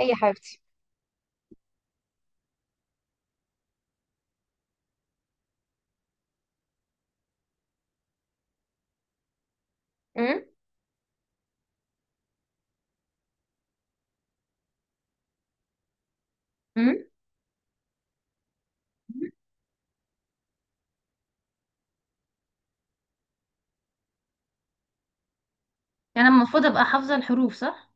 ايه يا حبيبتي؟ امم. امم. يعني أنا المفروض ابقى حافظة الحروف، صح؟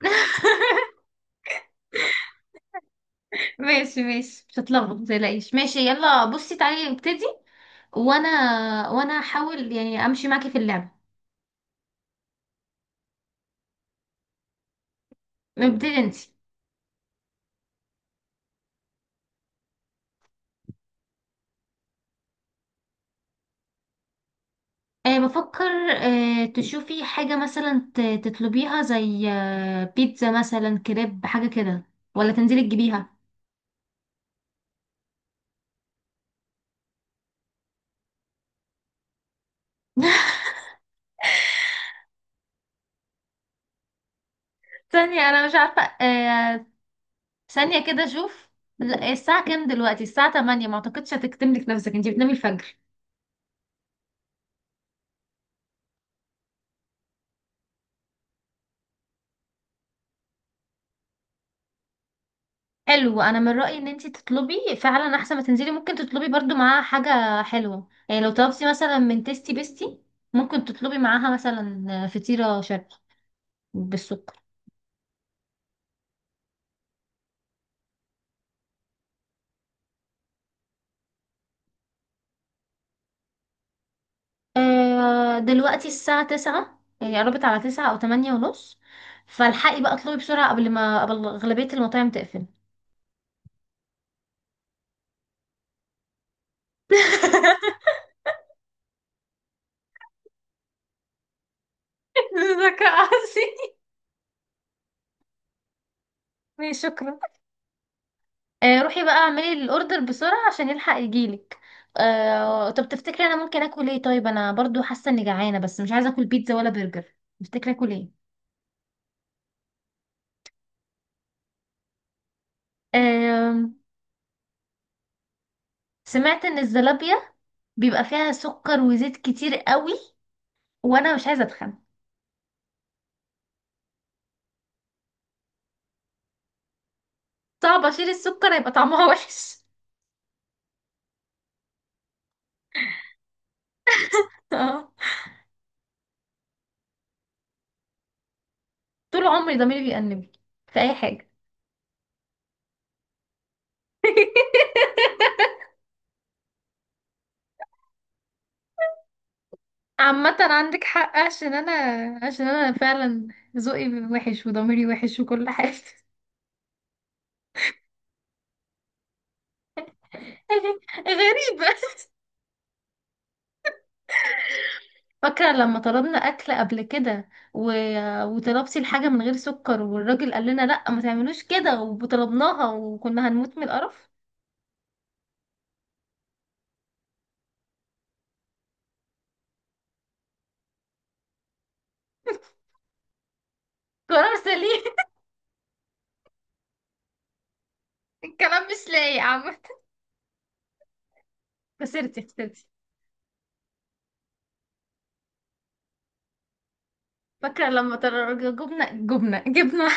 ماشي، ماشي، مش هتلخبط، متقلقيش. ماشي، يلا بصي تعالي نبتدي. وانا وانا هحاول يعني امشي معاكي في اللعبة. نبتدي انت. بفكر. تشوفي حاجة مثلا تطلبيها زي بيتزا، مثلا كريب حاجة كده، ولا تنزلي تجيبيها. ثانية، أنا مش عارفة ثانية كده أشوف. لا، الساعة كام دلوقتي؟ الساعة 8، ما أعتقدش هتكتملك نفسك، أنتي بتنامي الفجر. حلو، انا من رايي ان انت تطلبي فعلا، احسن ما تنزلي. ممكن تطلبي برضو معاها حاجه حلوه، يعني لو طلبتي مثلا من تيستي بيستي ممكن تطلبي معاها مثلا فطيره شرقي بالسكر. دلوقتي الساعه 9، يعني قربت على 9 او 8 ونص. فالحقي بقى اطلبي بسرعه قبل ما قبل اغلبيه المطاعم تقفل. ذكاء عصي. ماشي، شكرا. روحي بقى اعملي الاوردر بسرعه عشان يلحق يجيلك. طب تفتكري انا ممكن اكل ايه؟ طيب، انا برضو حاسه اني جعانه بس مش عايزه اكل بيتزا ولا برجر. تفتكري اكل ايه؟ آم، سمعت ان الزلابيه بيبقى فيها سكر وزيت كتير قوي، وانا مش عايزه اتخن. صعب اشيل السكر، هيبقى طعمها وحش. طول عمري ضميري بيأنبني في اي حاجه. عامة عندك حق، عشان انا فعلا ذوقي وحش وضميري وحش وكل حاجة. غريبة. فاكرة لما طلبنا أكل قبل كده و... وطلبتي الحاجة من غير سكر، والراجل قال لنا لأ ما تعملوش كده، وطلبناها وكنا هنموت من القرف. قرار سليم. الكلام مش لايق عامة. خسرتي، خسرتي. فاكرة لما جبنا.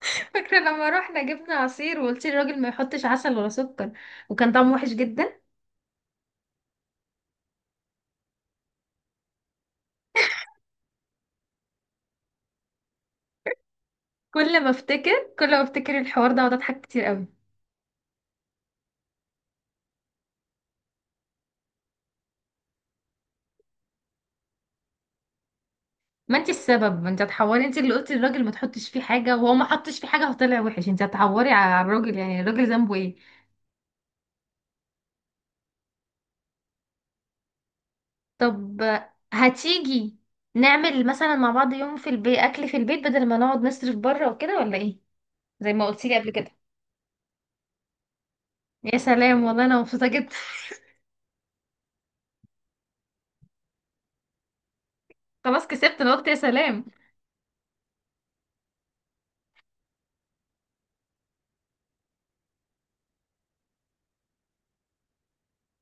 فاكرة لما روحنا جبنا عصير، وقلتي للراجل ما يحطش عسل ولا سكر، وكان طعمه وحش جدا. كل ما افتكر الحوار ده اقعد اضحك كتير قوي. ما انت السبب، ما انت هتحوري، انت اللي قلتي للراجل ما تحطش فيه حاجه، وهو ما حطش فيه حاجه فطلع وحش. انت هتحوري على الراجل؟ يعني الراجل ذنبه ايه؟ طب، هتيجي نعمل مثلا مع بعض يوم في البيت، اكل في البيت بدل ما نقعد نصرف بره وكده، ولا ايه؟ زي ما قلتي لي قبل كده. يا سلام، والله انا مبسوطه جدا. خلاص، كسبت! انا قلت يا سلام.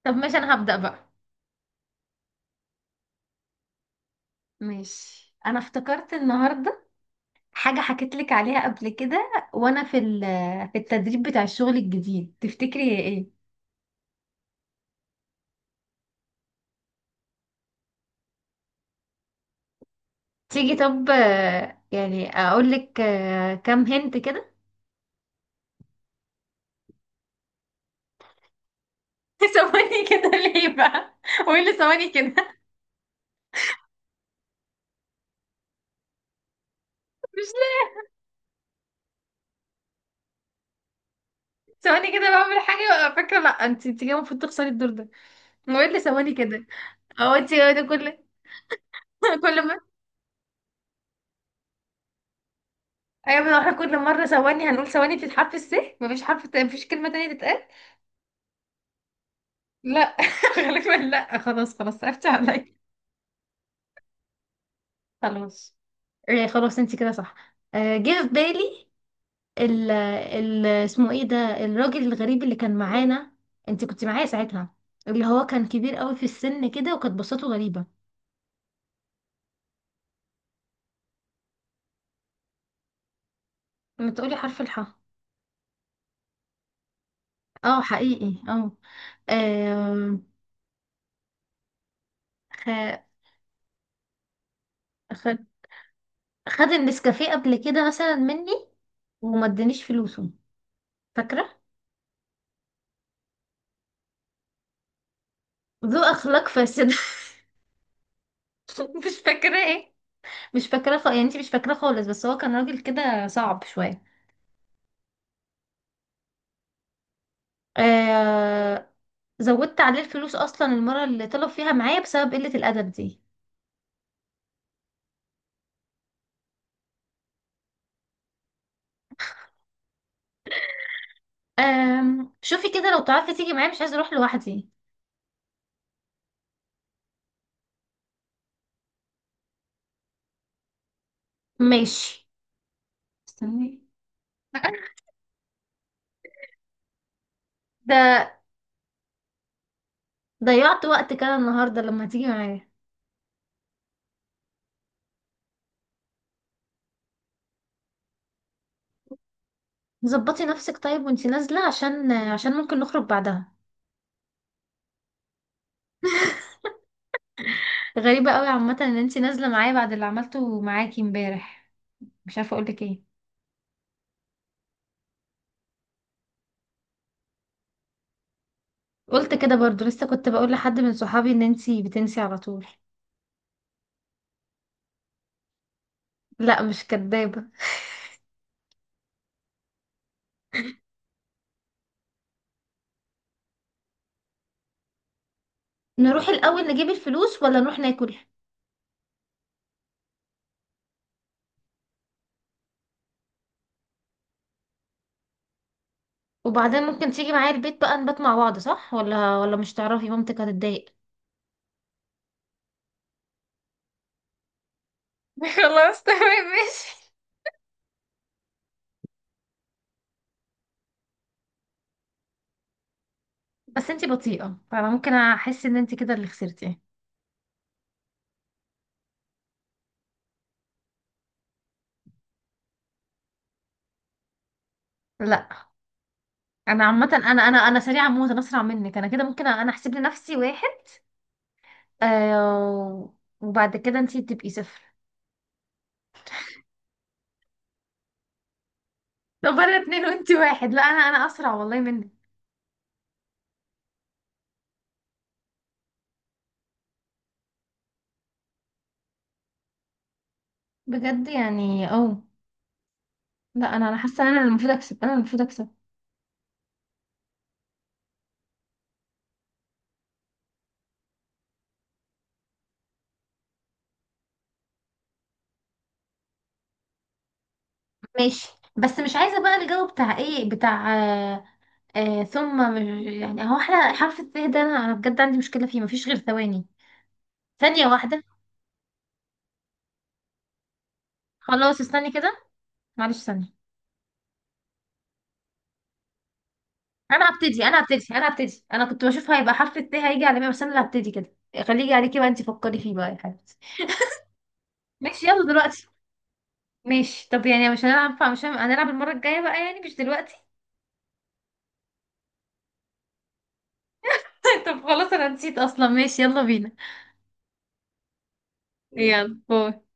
طب ماشي، انا هبدأ بقى. ماشي، انا افتكرت النهارده حاجه حكيت لك عليها قبل كده وانا في في التدريب بتاع الشغل الجديد. تفتكري هي ايه؟ تيجي طب، يعني اقول لك كام هنت كده؟ ثواني كده ليه بقى؟ وايه اللي ثواني كده؟ مش لازم. ثواني كده بعمل حاجه وأبقى فاكره؟ لا، انت كده المفروض تخسري الدور ده. وايه اللي ثواني كده؟ هو انت كده كل. كل ما... ايوه، احنا كل مره ثواني هنقول ثواني بتتحرف، السه مفيش حرف. مفيش كلمه تانية تتقال. لا. غالبا لا. خلاص، خلاص، عرفت عليا. خلاص. خلاص انت كده صح. جه في بالي ال اسمه ايه ده، الراجل الغريب اللي كان معانا. انت كنت معايا ساعتها، اللي هو كان كبير قوي في السن كده، وكانت بصته غريبة. ما تقولي حرف الحاء. اه، حقيقي، اه. آم، خ... خد خد النسكافيه قبل كده مثلا مني، وما ادانيش فلوسه. فاكرة؟ ذو اخلاق فاسد. مش فاكرة ايه؟ مش فاكرة يعني؟ انت مش فاكرة خالص، بس هو كان راجل كده صعب شوية. آه، زودت عليه الفلوس اصلا المره اللي طلب فيها معايا بسبب قله الادب دي. شوفي كده لو تعرفي تيجي معايا، مش عايزه اروح لوحدي. ماشي. استني. ده ضيعت وقت كده النهارده لما تيجي معايا. ظبطي نفسك طيب وانتي نازله، عشان ممكن نخرج بعدها. غريبه قوي عامه ان انتي نازله معايا بعد اللي عملته معاكي امبارح، مش عارفه اقولك ايه. قلت كده برضو، لسه كنت بقول لحد من صحابي ان انتي بتنسي على طول. لا، مش كدابه. نروح الأول نجيب الفلوس ولا نروح ناكل؟ وبعدين ممكن تيجي معايا البيت بقى نبات مع بعض، صح؟ ولا مش تعرفي مامتك هتتضايق؟ خلاص، تمام، ماشي. بس انتي بطيئة، فانا ممكن احس ان انتي كده اللي خسرتي. لا، انا عامة انا سريعة موت، انا اسرع منك، انا كده ممكن انا احسب لنفسي واحد. آه، وبعد كده انتي تبقي صفر. طب انا اتنين وانتي واحد. لا، انا اسرع والله منك. بجد يعني؟ اه، لا، انا حاسة ان انا المفروض اكسب، انا المفروض اكسب. ماشي، بس مش عايزة بقى الجو بتاع ايه بتاع. آه ثم يعني، هو احنا حرف الث ده انا بجد عندي مشكلة فيه، مفيش غير ثواني. ثانية واحدة. خلاص استني كده، معلش، ثانية. انا هبتدي. انا كنت بشوف هيبقى حرف الث هيجي على مين، بس انا اللي هبتدي كده. خليجي عليكي بقى، انت فكري فيه بقى يا حبيبتي. ماشي يلا دلوقتي. ماشي طب، يعني مش هنلعب، مش هن- هنلعب المرة الجاية بقى، يعني مش دلوقتي. طب خلاص انا نسيت اصلا. ماشي، يلا بينا. يلا، باي.